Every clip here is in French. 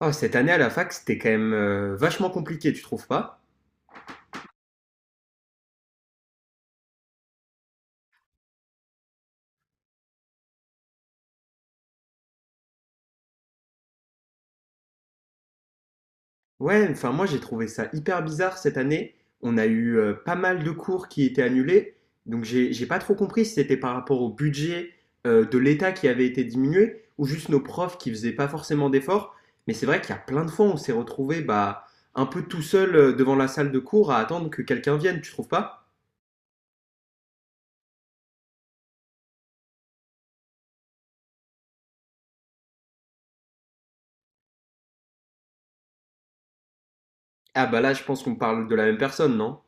Oh, cette année à la fac, c'était quand même vachement compliqué, tu trouves pas? Ouais, enfin moi j'ai trouvé ça hyper bizarre cette année. On a eu pas mal de cours qui étaient annulés, donc j'ai pas trop compris si c'était par rapport au budget de l'État qui avait été diminué ou juste nos profs qui faisaient pas forcément d'efforts. Mais c'est vrai qu'il y a plein de fois où on s'est retrouvé bah un peu tout seul devant la salle de cours à attendre que quelqu'un vienne, tu trouves pas? Ah bah là, je pense qu'on parle de la même personne, non?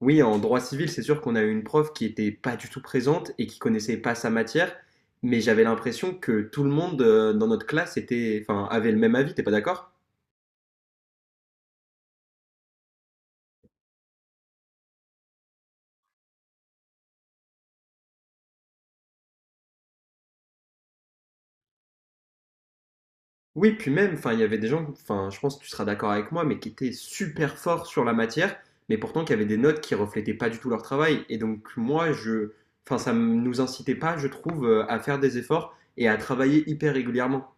Oui, en droit civil, c'est sûr qu'on a eu une prof qui était pas du tout présente et qui connaissait pas sa matière, mais j'avais l'impression que tout le monde dans notre classe était, enfin, avait le même avis, t'es pas d'accord? Oui, puis même, enfin, il y avait des gens, enfin, je pense que tu seras d'accord avec moi, mais qui étaient super forts sur la matière, mais pourtant qui avaient des notes qui reflétaient pas du tout leur travail. Et donc moi, je, enfin, nous incitait pas, je trouve, à faire des efforts et à travailler hyper régulièrement.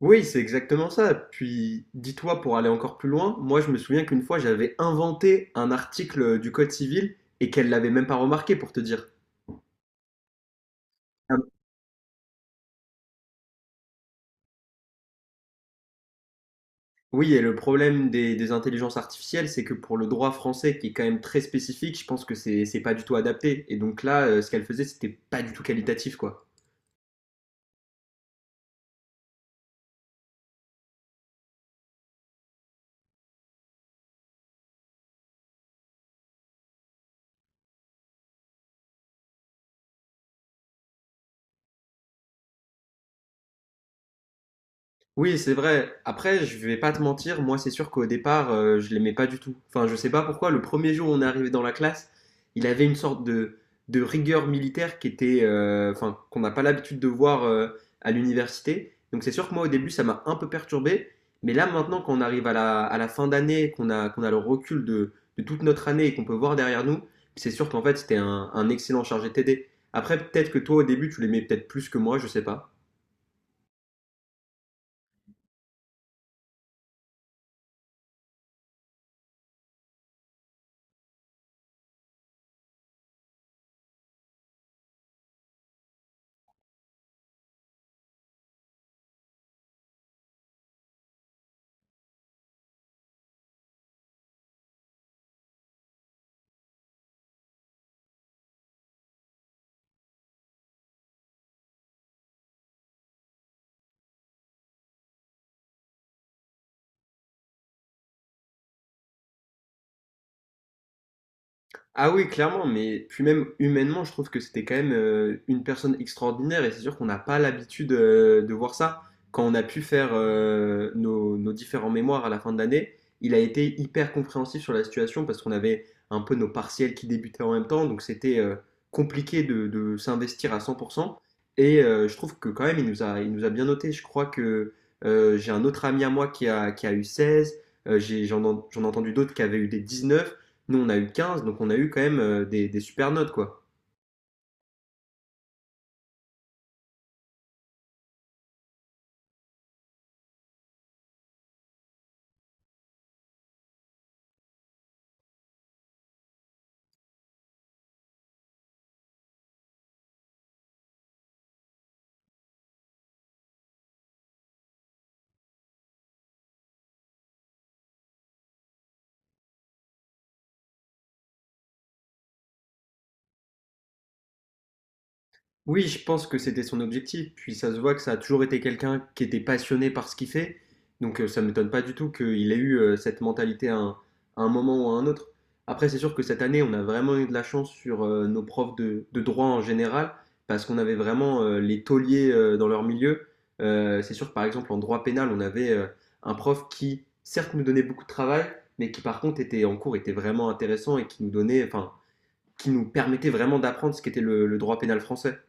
Oui, c'est exactement ça. Puis, dis-toi, pour aller encore plus loin, moi je me souviens qu'une fois j'avais inventé un article du Code civil et qu'elle l'avait même pas remarqué pour te dire. Ah. Oui, et le problème des intelligences artificielles, c'est que pour le droit français, qui est quand même très spécifique, je pense que c'est pas du tout adapté. Et donc là, ce qu'elle faisait, c'était pas du tout qualitatif, quoi. Oui, c'est vrai. Après, je vais pas te mentir, moi c'est sûr qu'au départ, je l'aimais pas du tout. Enfin, je sais pas pourquoi, le premier jour où on est arrivé dans la classe, il avait une sorte de rigueur militaire qui était, enfin, qu'on n'a pas l'habitude de voir à l'université. Donc c'est sûr que moi au début, ça m'a un peu perturbé. Mais là maintenant, quand on arrive à la fin d'année, qu'on a, qu'on a le recul de toute notre année et qu'on peut voir derrière nous, c'est sûr qu'en fait, c'était un excellent chargé TD. Après, peut-être que toi, au début, tu l'aimais peut-être plus que moi, je sais pas. Ah oui, clairement, mais puis même humainement, je trouve que c'était quand même une personne extraordinaire et c'est sûr qu'on n'a pas l'habitude de voir ça. Quand on a pu faire nos, nos différents mémoires à la fin de l'année, il a été hyper compréhensif sur la situation parce qu'on avait un peu nos partiels qui débutaient en même temps, donc c'était compliqué de s'investir à 100%. Et je trouve que quand même, il nous a bien noté. Je crois que j'ai un autre ami à moi qui a eu 16. J'en ai entendu d'autres qui avaient eu des 19. Nous, on a eu 15, donc on a eu quand même des super notes, quoi. Oui, je pense que c'était son objectif, puis ça se voit que ça a toujours été quelqu'un qui était passionné par ce qu'il fait, donc ça ne m'étonne pas du tout qu'il ait eu cette mentalité à un moment ou à un autre. Après, c'est sûr que cette année, on a vraiment eu de la chance sur nos profs de droit en général, parce qu'on avait vraiment les tauliers dans leur milieu. C'est sûr que par exemple, en droit pénal, on avait un prof qui, certes, nous donnait beaucoup de travail, mais qui par contre était en cours était vraiment intéressant et qui nous donnait, enfin, qui nous permettait vraiment d'apprendre ce qu'était le droit pénal français.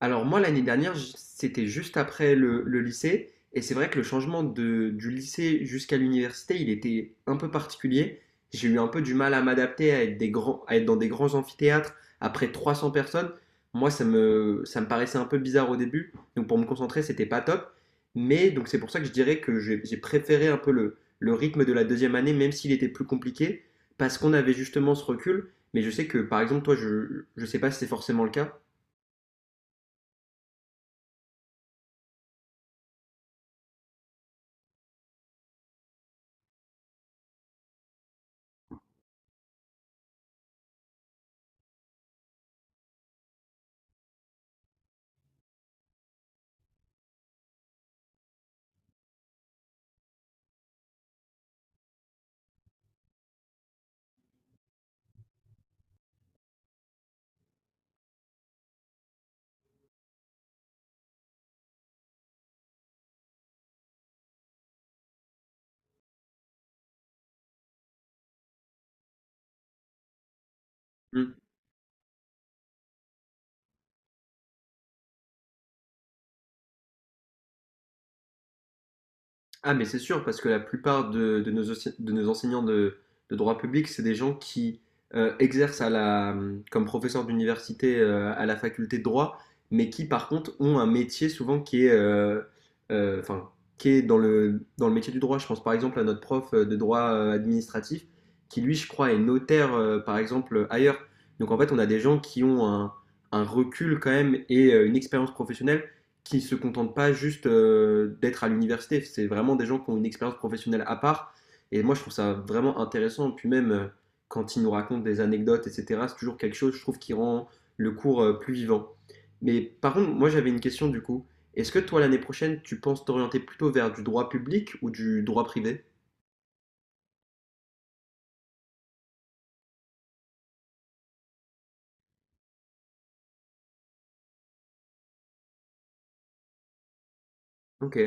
Alors moi, l'année dernière, c'était juste après le lycée, et c'est vrai que du lycée jusqu'à l'université, il était un peu particulier. J'ai eu un peu du mal à m'adapter à être des grands, à être dans des grands amphithéâtres après 300 personnes. Moi, ça me paraissait un peu bizarre au début, donc pour me concentrer, c'était pas top. Mais donc c'est pour ça que je dirais que j'ai préféré un peu le rythme de la deuxième année, même s'il était plus compliqué, parce qu'on avait justement ce recul. Mais je sais que, par exemple, toi, je sais pas si c'est forcément le cas. Ah, mais c'est sûr, parce que la plupart de, ense- de nos enseignants de droit public, c'est des gens qui exercent à la, comme professeur d'université à la faculté de droit, mais qui par contre ont un métier souvent qui est, enfin, qui est dans le métier du droit. Je pense par exemple à notre prof de droit administratif, qui lui, je crois, est notaire par exemple ailleurs. Donc en fait, on a des gens qui ont un recul quand même et une expérience professionnelle qui se contentent pas juste d'être à l'université. C'est vraiment des gens qui ont une expérience professionnelle à part. Et moi, je trouve ça vraiment intéressant. Puis même, quand ils nous racontent des anecdotes, etc., c'est toujours quelque chose, je trouve, qui rend le cours plus vivant. Mais par contre, moi, j'avais une question du coup. Est-ce que toi, l'année prochaine, tu penses t'orienter plutôt vers du droit public ou du droit privé? Ok.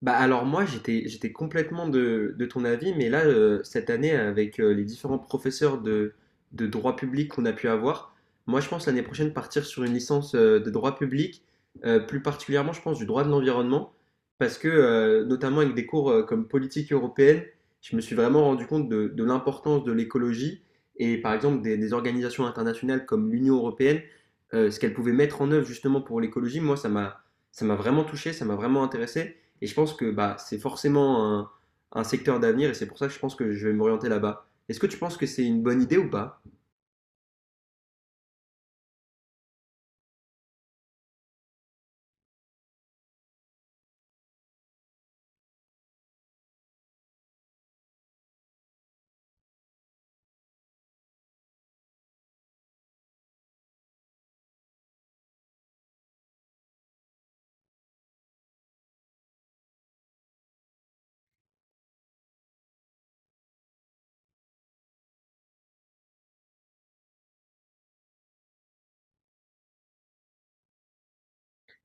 Bah alors moi j'étais complètement de ton avis, mais là cette année avec les différents professeurs de droit public qu'on a pu avoir, moi je pense l'année prochaine partir sur une licence de droit public, plus particulièrement je pense du droit de l'environnement, parce que notamment avec des cours comme politique européenne, je me suis vraiment rendu compte de l'importance de l'écologie et par exemple des organisations internationales comme l'Union européenne, ce qu'elles pouvaient mettre en œuvre justement pour l'écologie, moi ça m'a vraiment touché, ça m'a vraiment intéressé. Et je pense que bah, c'est forcément un secteur d'avenir et c'est pour ça que je pense que je vais m'orienter là-bas. Est-ce que tu penses que c'est une bonne idée ou pas?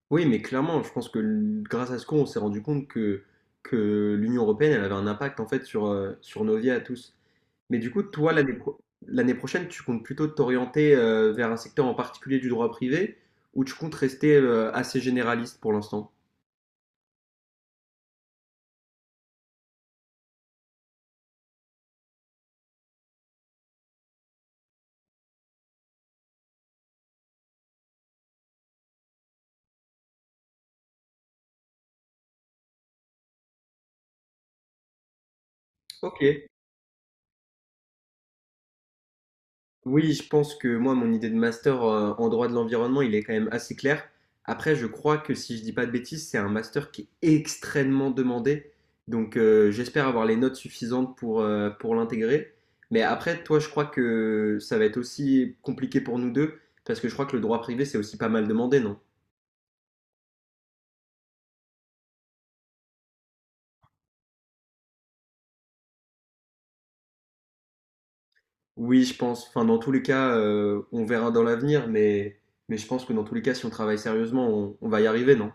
Oui, mais clairement, je pense que grâce à ce qu'on on s'est rendu compte que l'Union européenne elle avait un impact en fait sur, sur nos vies à tous. Mais du coup, toi, l'année prochaine, tu comptes plutôt t'orienter vers un secteur en particulier du droit privé ou tu comptes rester assez généraliste pour l'instant? Ok. Oui, je pense que moi, mon idée de master en droit de l'environnement, il est quand même assez clair. Après, je crois que si je dis pas de bêtises, c'est un master qui est extrêmement demandé. Donc, j'espère avoir les notes suffisantes pour l'intégrer. Mais après, toi, je crois que ça va être aussi compliqué pour nous deux, parce que je crois que le droit privé, c'est aussi pas mal demandé, non? Oui, je pense. Enfin, dans tous les cas, on verra dans l'avenir, mais je pense que dans tous les cas, si on travaille sérieusement, on va y arriver, non?